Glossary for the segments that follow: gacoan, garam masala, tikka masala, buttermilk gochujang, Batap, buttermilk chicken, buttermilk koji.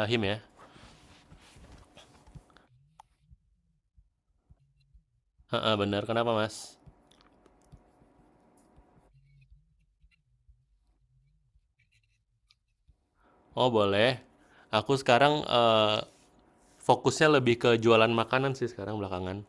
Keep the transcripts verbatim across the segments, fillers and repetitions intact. Fahim ya? Heeh, bener. Kenapa, Mas? Oh, boleh. Aku sekarang eee, fokusnya lebih ke jualan makanan sih sekarang belakangan.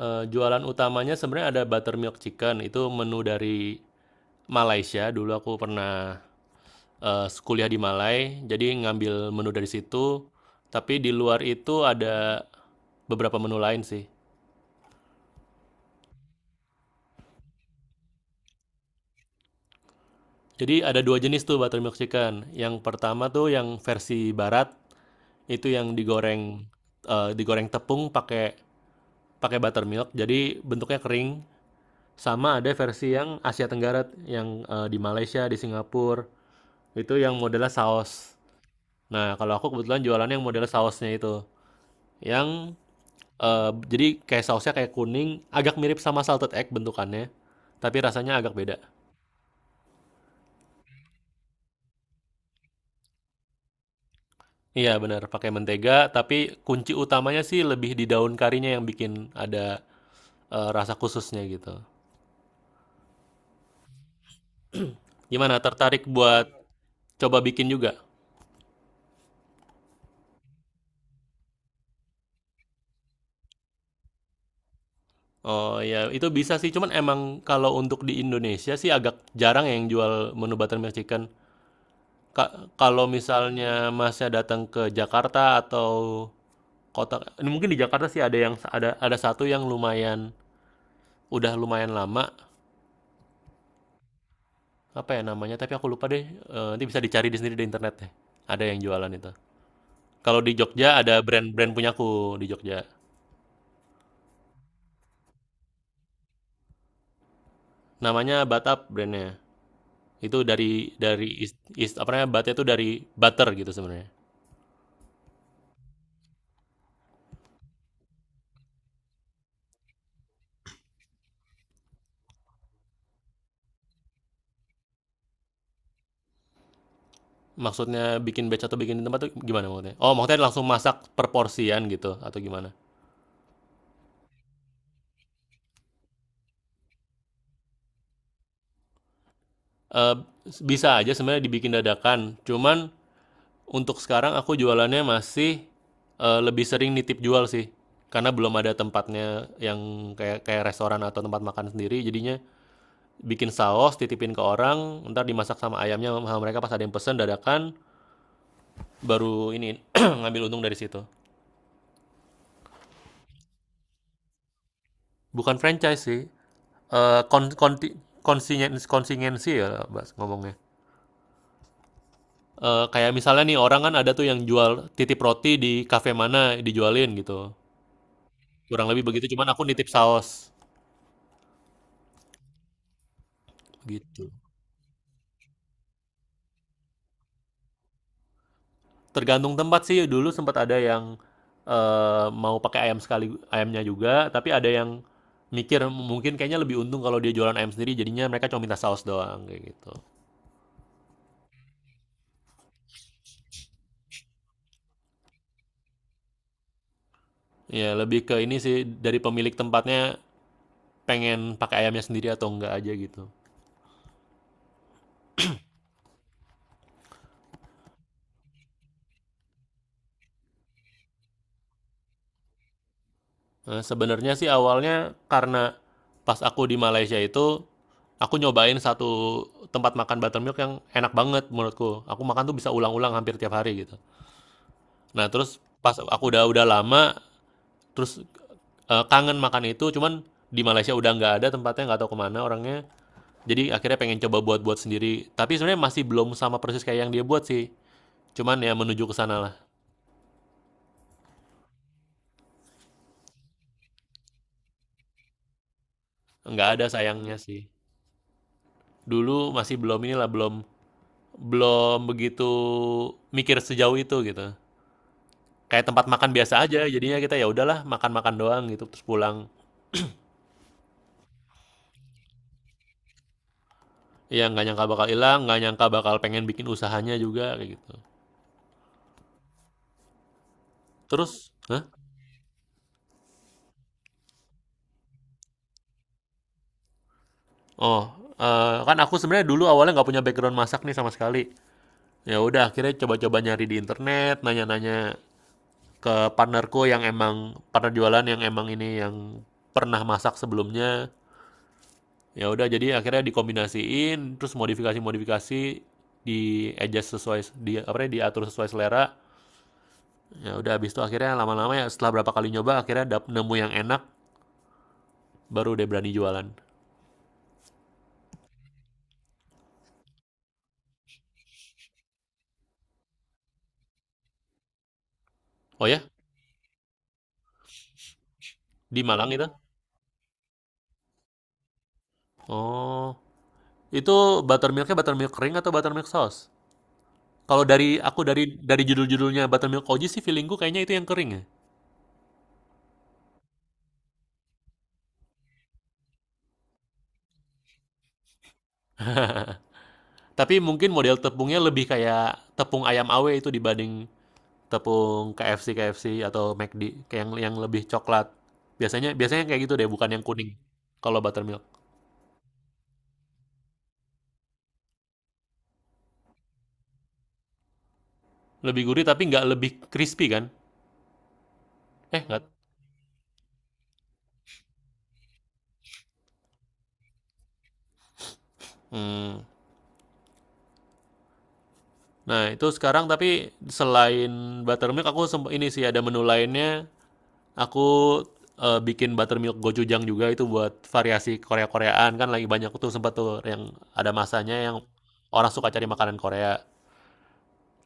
Eee, jualan utamanya sebenarnya ada buttermilk chicken, itu menu dari Malaysia. Dulu aku pernah, eee, kuliah di Malai, jadi ngambil menu dari situ. Tapi di luar itu ada beberapa menu lain sih. Jadi ada dua jenis tuh buttermilk chicken. Yang pertama tuh yang versi barat, itu yang digoreng, eee, digoreng tepung pakai pakai buttermilk jadi bentuknya kering. Sama ada versi yang Asia Tenggara yang eh, di Malaysia, di Singapura, itu yang modelnya saus. Nah kalau aku kebetulan jualannya yang modelnya sausnya itu yang eh, jadi kayak sausnya kayak kuning agak mirip sama salted egg bentukannya, tapi rasanya agak beda. Iya benar pakai mentega, tapi kunci utamanya sih lebih di daun karinya yang bikin ada eh, rasa khususnya gitu. Gimana, tertarik buat coba bikin juga? Oh, ya itu bisa sih, cuman emang kalau untuk di Indonesia sih agak jarang yang jual menu buttermilk chicken. Ka kalau misalnya Masnya datang ke Jakarta atau kota ini, mungkin di Jakarta sih ada yang ada ada satu yang lumayan udah lumayan lama, apa ya namanya, tapi aku lupa deh, eee, nanti bisa dicari di sendiri di internet deh. Ada yang jualan itu. Kalau di Jogja ada brand-brand punyaku di Jogja. Namanya Batap brandnya. Itu dari dari is is apa namanya, Batnya itu dari butter gitu sebenarnya. Maksudnya bikin batch atau bikin di tempat tuh gimana maksudnya? Oh, maksudnya langsung masak per porsian gitu atau gimana? Eh, bisa aja sebenarnya dibikin dadakan. Cuman untuk sekarang aku jualannya masih eh, lebih sering nitip jual sih. Karena belum ada tempatnya yang kayak kayak restoran atau tempat makan sendiri, jadinya bikin saus, titipin ke orang, ntar dimasak sama ayamnya sama mereka pas ada yang pesen dadakan, baru ini ngambil untung dari situ. Bukan franchise sih. Eh kon konti- konsinyen- Konsingensi ya Bas, ngomongnya. Eh, kayak misalnya nih orang kan ada tuh yang jual titip roti di kafe mana dijualin gitu. Kurang lebih begitu, cuman aku nitip saus gitu. Tergantung tempat sih. Dulu sempat ada yang eh, mau pakai ayam sekali ayamnya juga, tapi ada yang mikir mungkin kayaknya lebih untung kalau dia jualan ayam sendiri, jadinya mereka cuma minta saus doang kayak gitu. Ya lebih ke ini sih dari pemilik tempatnya, pengen pakai ayamnya sendiri atau enggak aja gitu. Eee, sebenarnya sih awalnya karena pas aku di Malaysia itu, aku nyobain satu tempat makan buttermilk yang enak banget menurutku. Aku makan tuh bisa ulang-ulang hampir tiap hari gitu. Nah terus pas aku udah udah lama, terus, eee, kangen makan itu, cuman di Malaysia udah nggak ada tempatnya, nggak tahu kemana orangnya. Jadi akhirnya pengen coba buat-buat sendiri. Tapi sebenarnya masih belum sama persis kayak yang dia buat sih. Cuman ya menuju ke sana lah. Nggak ada sayangnya sih. Dulu masih belum inilah, belum Belum begitu mikir sejauh itu gitu. Kayak tempat makan biasa aja, jadinya kita ya udahlah makan-makan doang gitu, terus pulang. Ya nggak nyangka bakal hilang, nggak nyangka bakal pengen bikin usahanya juga kayak gitu. Terus, hah? Oh, eh, kan aku sebenarnya dulu awalnya nggak punya background masak nih sama sekali. Ya udah akhirnya coba-coba nyari di internet, nanya-nanya ke partnerku yang emang partner jualan yang emang ini yang pernah masak sebelumnya. Ya udah jadi akhirnya dikombinasiin, terus modifikasi-modifikasi di adjust sesuai, di apa ya, diatur sesuai selera. Ya udah habis itu akhirnya lama-lama ya setelah berapa kali nyoba akhirnya dap, nemu yang enak, baru deh berani jualan. Oh ya, di Malang itu? Oh, itu buttermilknya buttermilk kering atau buttermilk sauce? Kalau dari aku dari dari judul-judulnya buttermilk koji sih feelingku kayaknya itu yang kering ya. Tapi mungkin model tepungnya lebih kayak tepung ayam awe itu dibanding tepung K F C K F C atau McD kayak yang yang lebih coklat. Biasanya biasanya kayak gitu deh, bukan yang kuning. Kalau buttermilk lebih gurih tapi nggak lebih crispy kan? Eh nggak. Hmm. Nah itu sekarang tapi selain buttermilk aku semp- ini sih ada menu lainnya. Aku eh, bikin buttermilk gochujang juga itu buat variasi Korea-Koreaan kan lagi banyak tuh, sempat tuh yang ada masanya yang orang suka cari makanan Korea.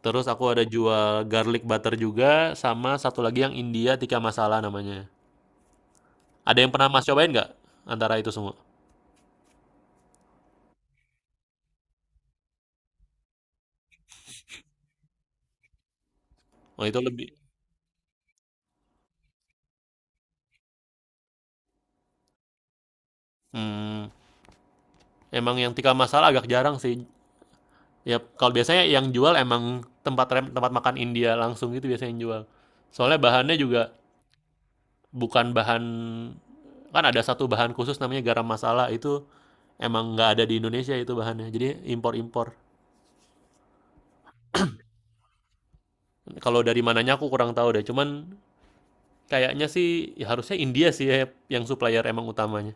Terus aku ada jual garlic butter juga, sama satu lagi yang India tikka masala namanya. Ada yang pernah Mas cobain nggak antara itu semua? Oh itu lebih. Hmm, emang yang tikka masala agak jarang sih. Ya kalau biasanya yang jual emang tempat rem, tempat makan India langsung gitu biasanya yang jual. Soalnya bahannya juga bukan bahan, kan ada satu bahan khusus namanya garam masala, itu emang nggak ada di Indonesia itu bahannya. Jadi impor-impor. Kalau dari mananya aku kurang tahu deh. Cuman kayaknya sih ya harusnya India sih ya yang supplier emang utamanya.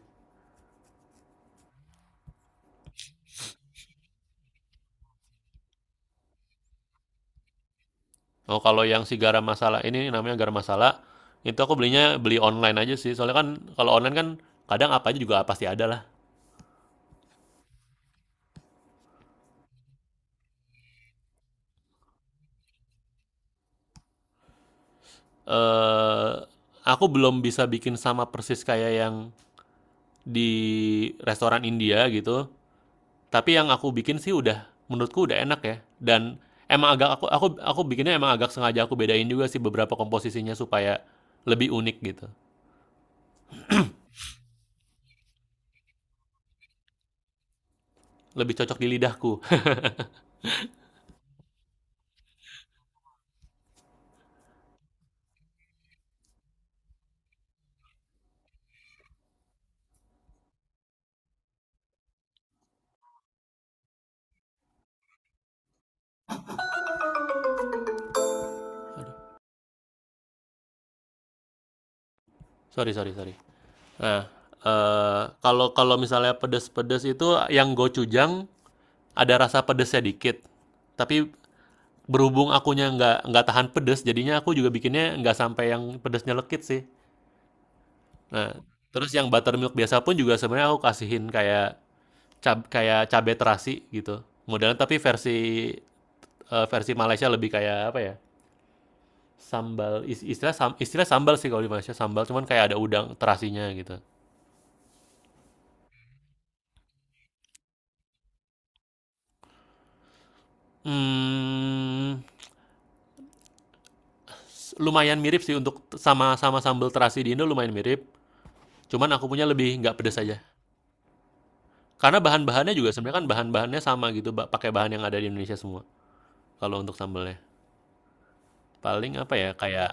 Oh, kalau yang si garam masala ini namanya garam masala, itu aku belinya beli online aja sih. Soalnya kan kalau online kan kadang apa aja juga pasti ada lah. Eh aku belum bisa bikin sama persis kayak yang di restoran India gitu. Tapi yang aku bikin sih udah, menurutku udah enak ya. Dan emang agak aku aku aku bikinnya emang agak sengaja aku bedain juga sih beberapa komposisinya supaya lebih unik gitu. Lebih cocok di lidahku. Sorry, sorry, sorry. Nah, eee, kalau kalau misalnya pedes-pedes itu yang gochujang ada rasa pedesnya dikit. Tapi berhubung akunya nggak nggak tahan pedes, jadinya aku juga bikinnya nggak sampai yang pedesnya lekit sih. Nah, terus yang buttermilk biasa pun juga sebenarnya aku kasihin kayak cab kayak cabe terasi gitu. Modelnya tapi versi, eee, versi Malaysia lebih kayak apa ya, sambal, istilah sam istilah sambal sih kalau di Malaysia, sambal cuman kayak ada udang terasinya gitu. Mmm, lumayan mirip sih untuk sama-sama sambal terasi di Indo lumayan mirip. Cuman aku punya lebih nggak pedes aja. Karena bahan-bahannya juga sebenarnya kan bahan-bahannya sama gitu, pakai bahan yang ada di Indonesia semua. Kalau untuk sambalnya paling apa ya kayak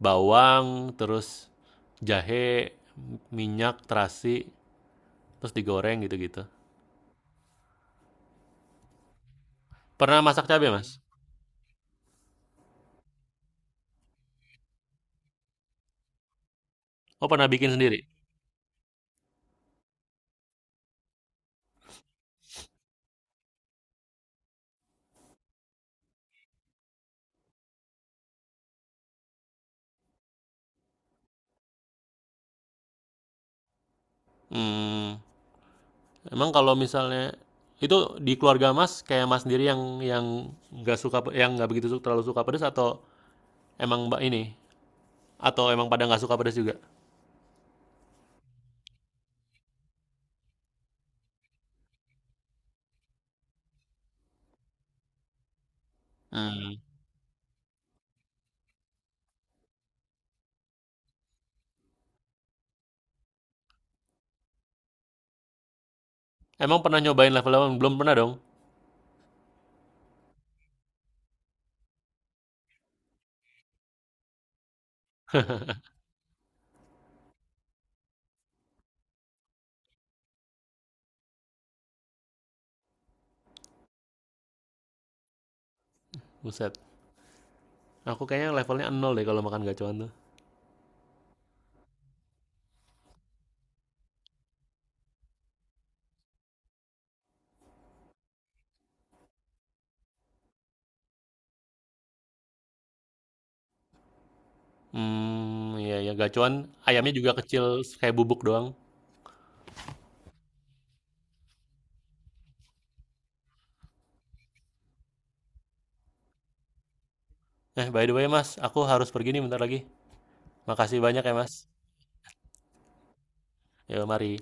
bawang, terus jahe, minyak, terasi, terus digoreng gitu-gitu. Pernah masak cabai Mas? Oh, pernah bikin sendiri? Hmm, emang kalau misalnya itu di keluarga Mas kayak Mas sendiri yang yang nggak suka yang nggak begitu su- terlalu suka pedas, atau emang Mbak ini, atau emang pada nggak suka pedas juga? Mmm, emang pernah nyobain level delapan? Belum pernah dong? Buset, aku kayaknya levelnya nol deh kalau makan gacoan tuh. Hmm, iya ya, gacoan ayamnya juga kecil kayak bubuk doang. Eh, by the way Mas, aku harus pergi nih bentar lagi. Makasih banyak ya Mas. Yo, mari.